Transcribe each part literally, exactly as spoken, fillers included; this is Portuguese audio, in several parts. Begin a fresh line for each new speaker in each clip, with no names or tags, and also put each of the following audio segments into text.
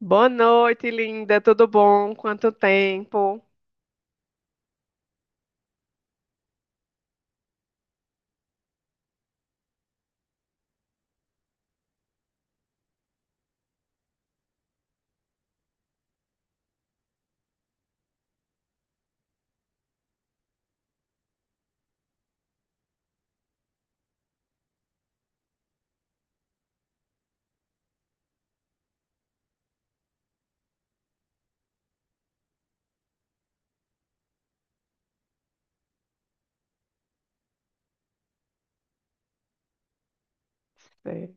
Boa noite, linda. Tudo bom? Quanto tempo? É.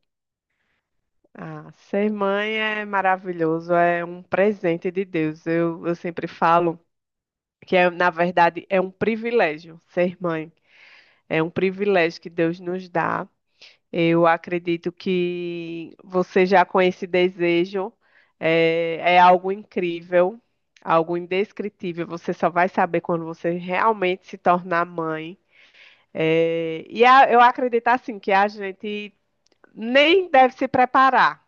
Ah, ser mãe é maravilhoso, é um presente de Deus. Eu, eu sempre falo que, é, na verdade, é um privilégio ser mãe. É um privilégio que Deus nos dá. Eu acredito que você já com esse desejo é, é algo incrível, algo indescritível. Você só vai saber quando você realmente se tornar mãe. É, e a- eu acredito assim que a gente nem deve se preparar,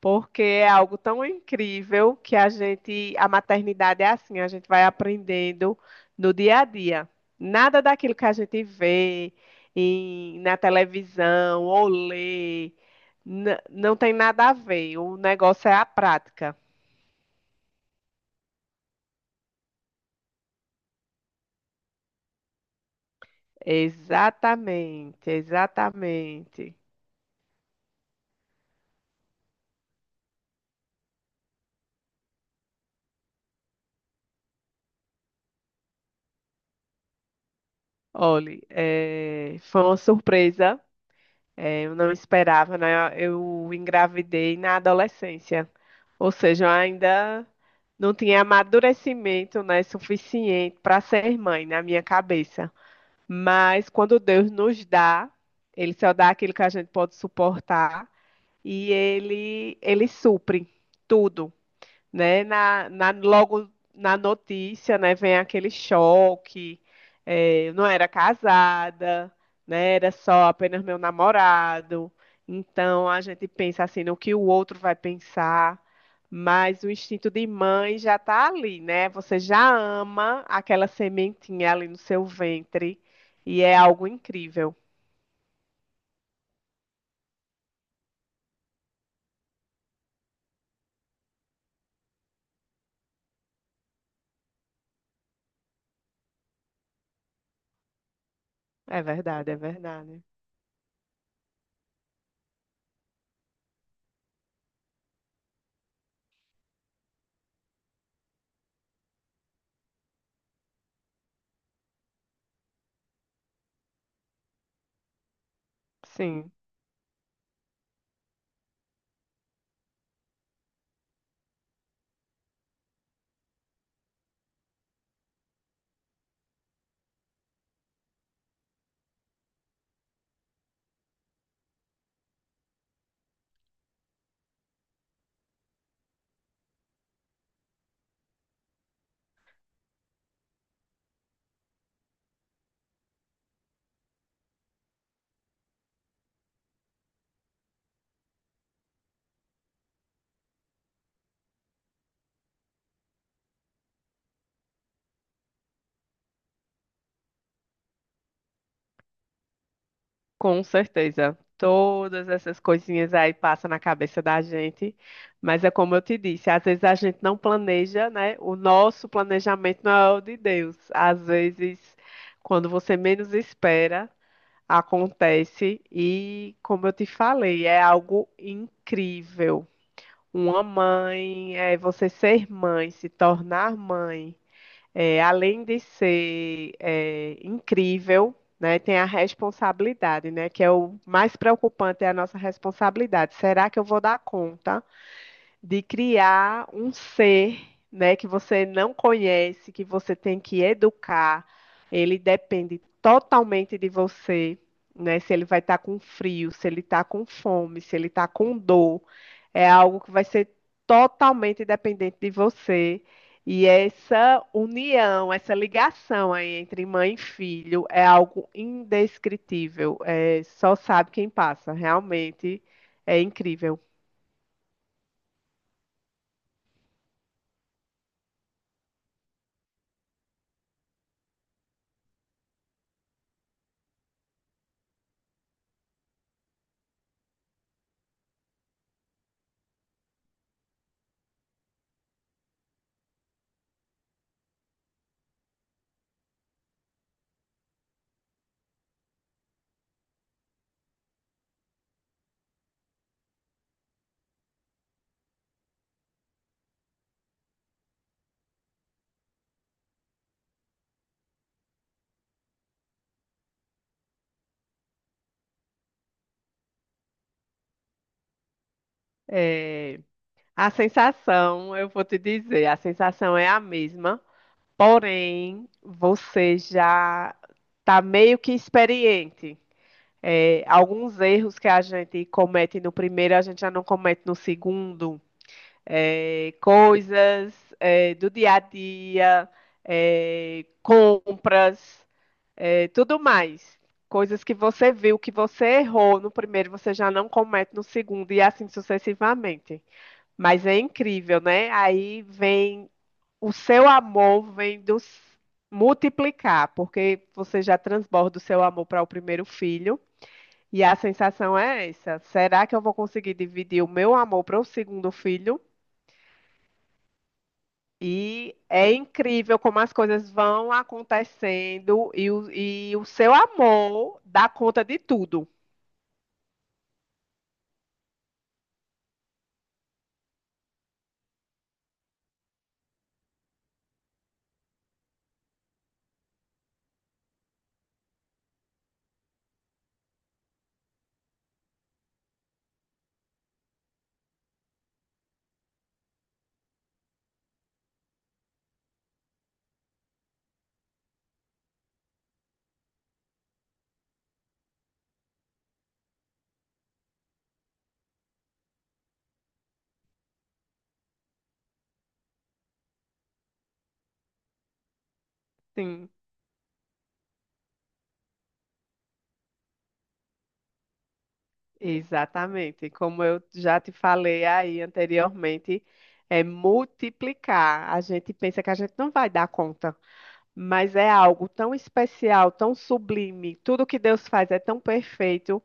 porque é algo tão incrível que a gente, a maternidade é assim, a gente vai aprendendo no dia a dia. Nada daquilo que a gente vê em- na televisão ou lê, n- não tem nada a ver. O negócio é a prática. Exatamente, exatamente. Olhe, é, foi uma surpresa. É, eu não esperava, né? Eu engravidei na adolescência, ou seja, eu ainda não tinha amadurecimento, né, suficiente para ser mãe na minha cabeça. Mas quando Deus nos dá, Ele só dá aquilo que a gente pode suportar e Ele, ele supre tudo, né? Na, na- logo na notícia, né? Vem aquele choque. É, eu não era casada, né? Era só apenas meu namorado. Então a gente pensa assim no que o outro vai pensar, mas o instinto de mãe já está ali, né? Você já ama aquela sementinha ali no seu ventre e é algo incrível. É verdade, é verdade. Sim. Com certeza. Todas essas coisinhas aí passam na cabeça da gente, mas é como eu te disse, às vezes a gente não planeja, né? O nosso planejamento não é o de Deus. Às vezes, quando você menos espera, acontece e, como eu te falei, é algo incrível. Uma mãe, é você ser mãe, se tornar mãe. É, além de ser é, incrível, né, tem a responsabilidade, né, que é o mais preocupante, é a nossa responsabilidade. Será que eu vou dar conta? De criar um ser, né, que você não conhece, que você tem que educar. Ele depende totalmente de você, né? Se ele vai estar com frio, se ele está com fome, se ele está com dor, é algo que vai ser totalmente dependente de você. E essa união, essa ligação aí entre mãe e filho é algo indescritível. É, só sabe quem passa. Realmente é incrível. É, a sensação, eu vou te dizer, a sensação é a mesma, porém você já está meio que experiente. É, alguns erros que a gente comete no primeiro, a gente já não comete no segundo. É, coisas é, do dia a dia, é, compras, é, tudo mais. Coisas que você viu, que você errou no primeiro, você já não comete no segundo, e assim sucessivamente. Mas é incrível, né? Aí vem o seu amor vem do multiplicar, porque você já transborda o seu amor para o primeiro filho. E a sensação é essa: será que eu vou conseguir dividir o meu amor para o segundo filho? E é incrível como as coisas vão acontecendo e o, e o seu amor dá conta de tudo. Sim. Exatamente. Como eu já te falei aí anteriormente, é multiplicar. A gente pensa que a gente não vai dar conta, mas é algo tão especial, tão sublime. Tudo que Deus faz é tão perfeito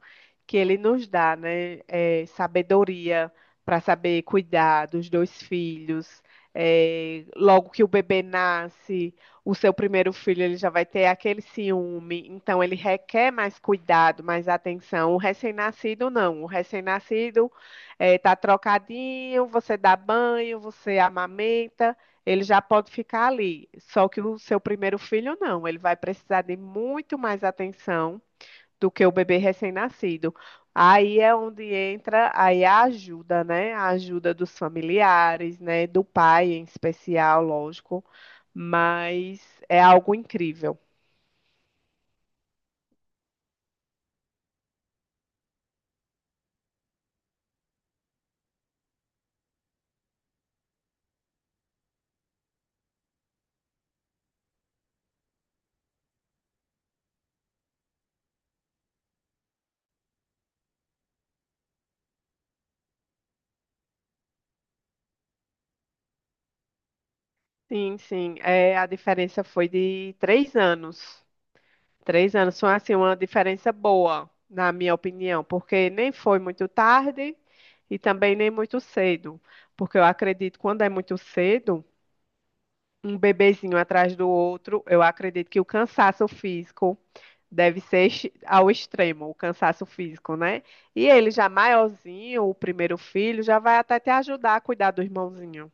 que Ele nos dá, né, eh, sabedoria para saber cuidar dos dois filhos. Eh, logo que o bebê nasce, o seu primeiro filho ele já vai ter aquele ciúme, então ele requer mais cuidado, mais atenção. O recém-nascido não. O recém-nascido está trocadinho, você dá banho, você amamenta. Ele já pode ficar ali, só que o seu primeiro filho não, ele vai precisar de muito mais atenção do que o bebê recém-nascido. Aí é onde entra aí a ajuda, né? A ajuda dos familiares, né? Do pai em especial, lógico, mas é algo incrível. Sim, sim, é, a diferença foi de três anos. Três anos são assim uma diferença boa, na minha opinião, porque nem foi muito tarde e também nem muito cedo, porque eu acredito que quando é muito cedo, um bebezinho atrás do outro, eu acredito que o cansaço físico deve ser ex- ao extremo, o cansaço físico, né? E ele já maiorzinho, o primeiro filho, já vai até te ajudar a cuidar do irmãozinho.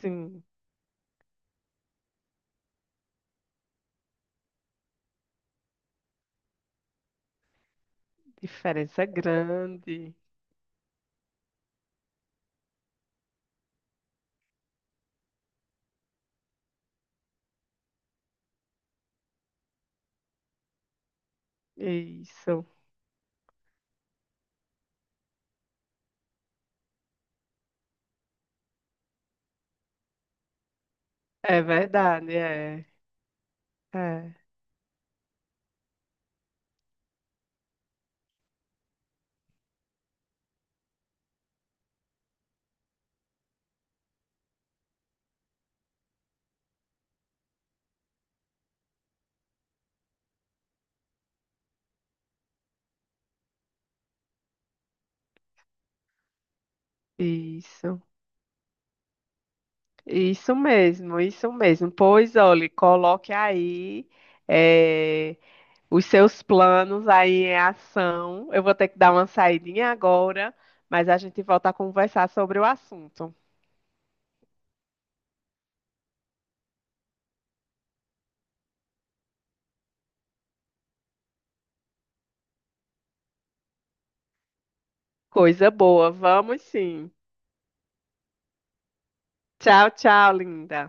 Sim, diferença grande. Isso. É verdade, é. É. Isso. Isso mesmo, isso mesmo. Pois olhe, coloque aí eh, os seus planos aí em ação. Eu vou ter que dar uma saidinha agora, mas a gente volta a conversar sobre o assunto. Coisa boa, vamos sim. Tchau, tchau, linda.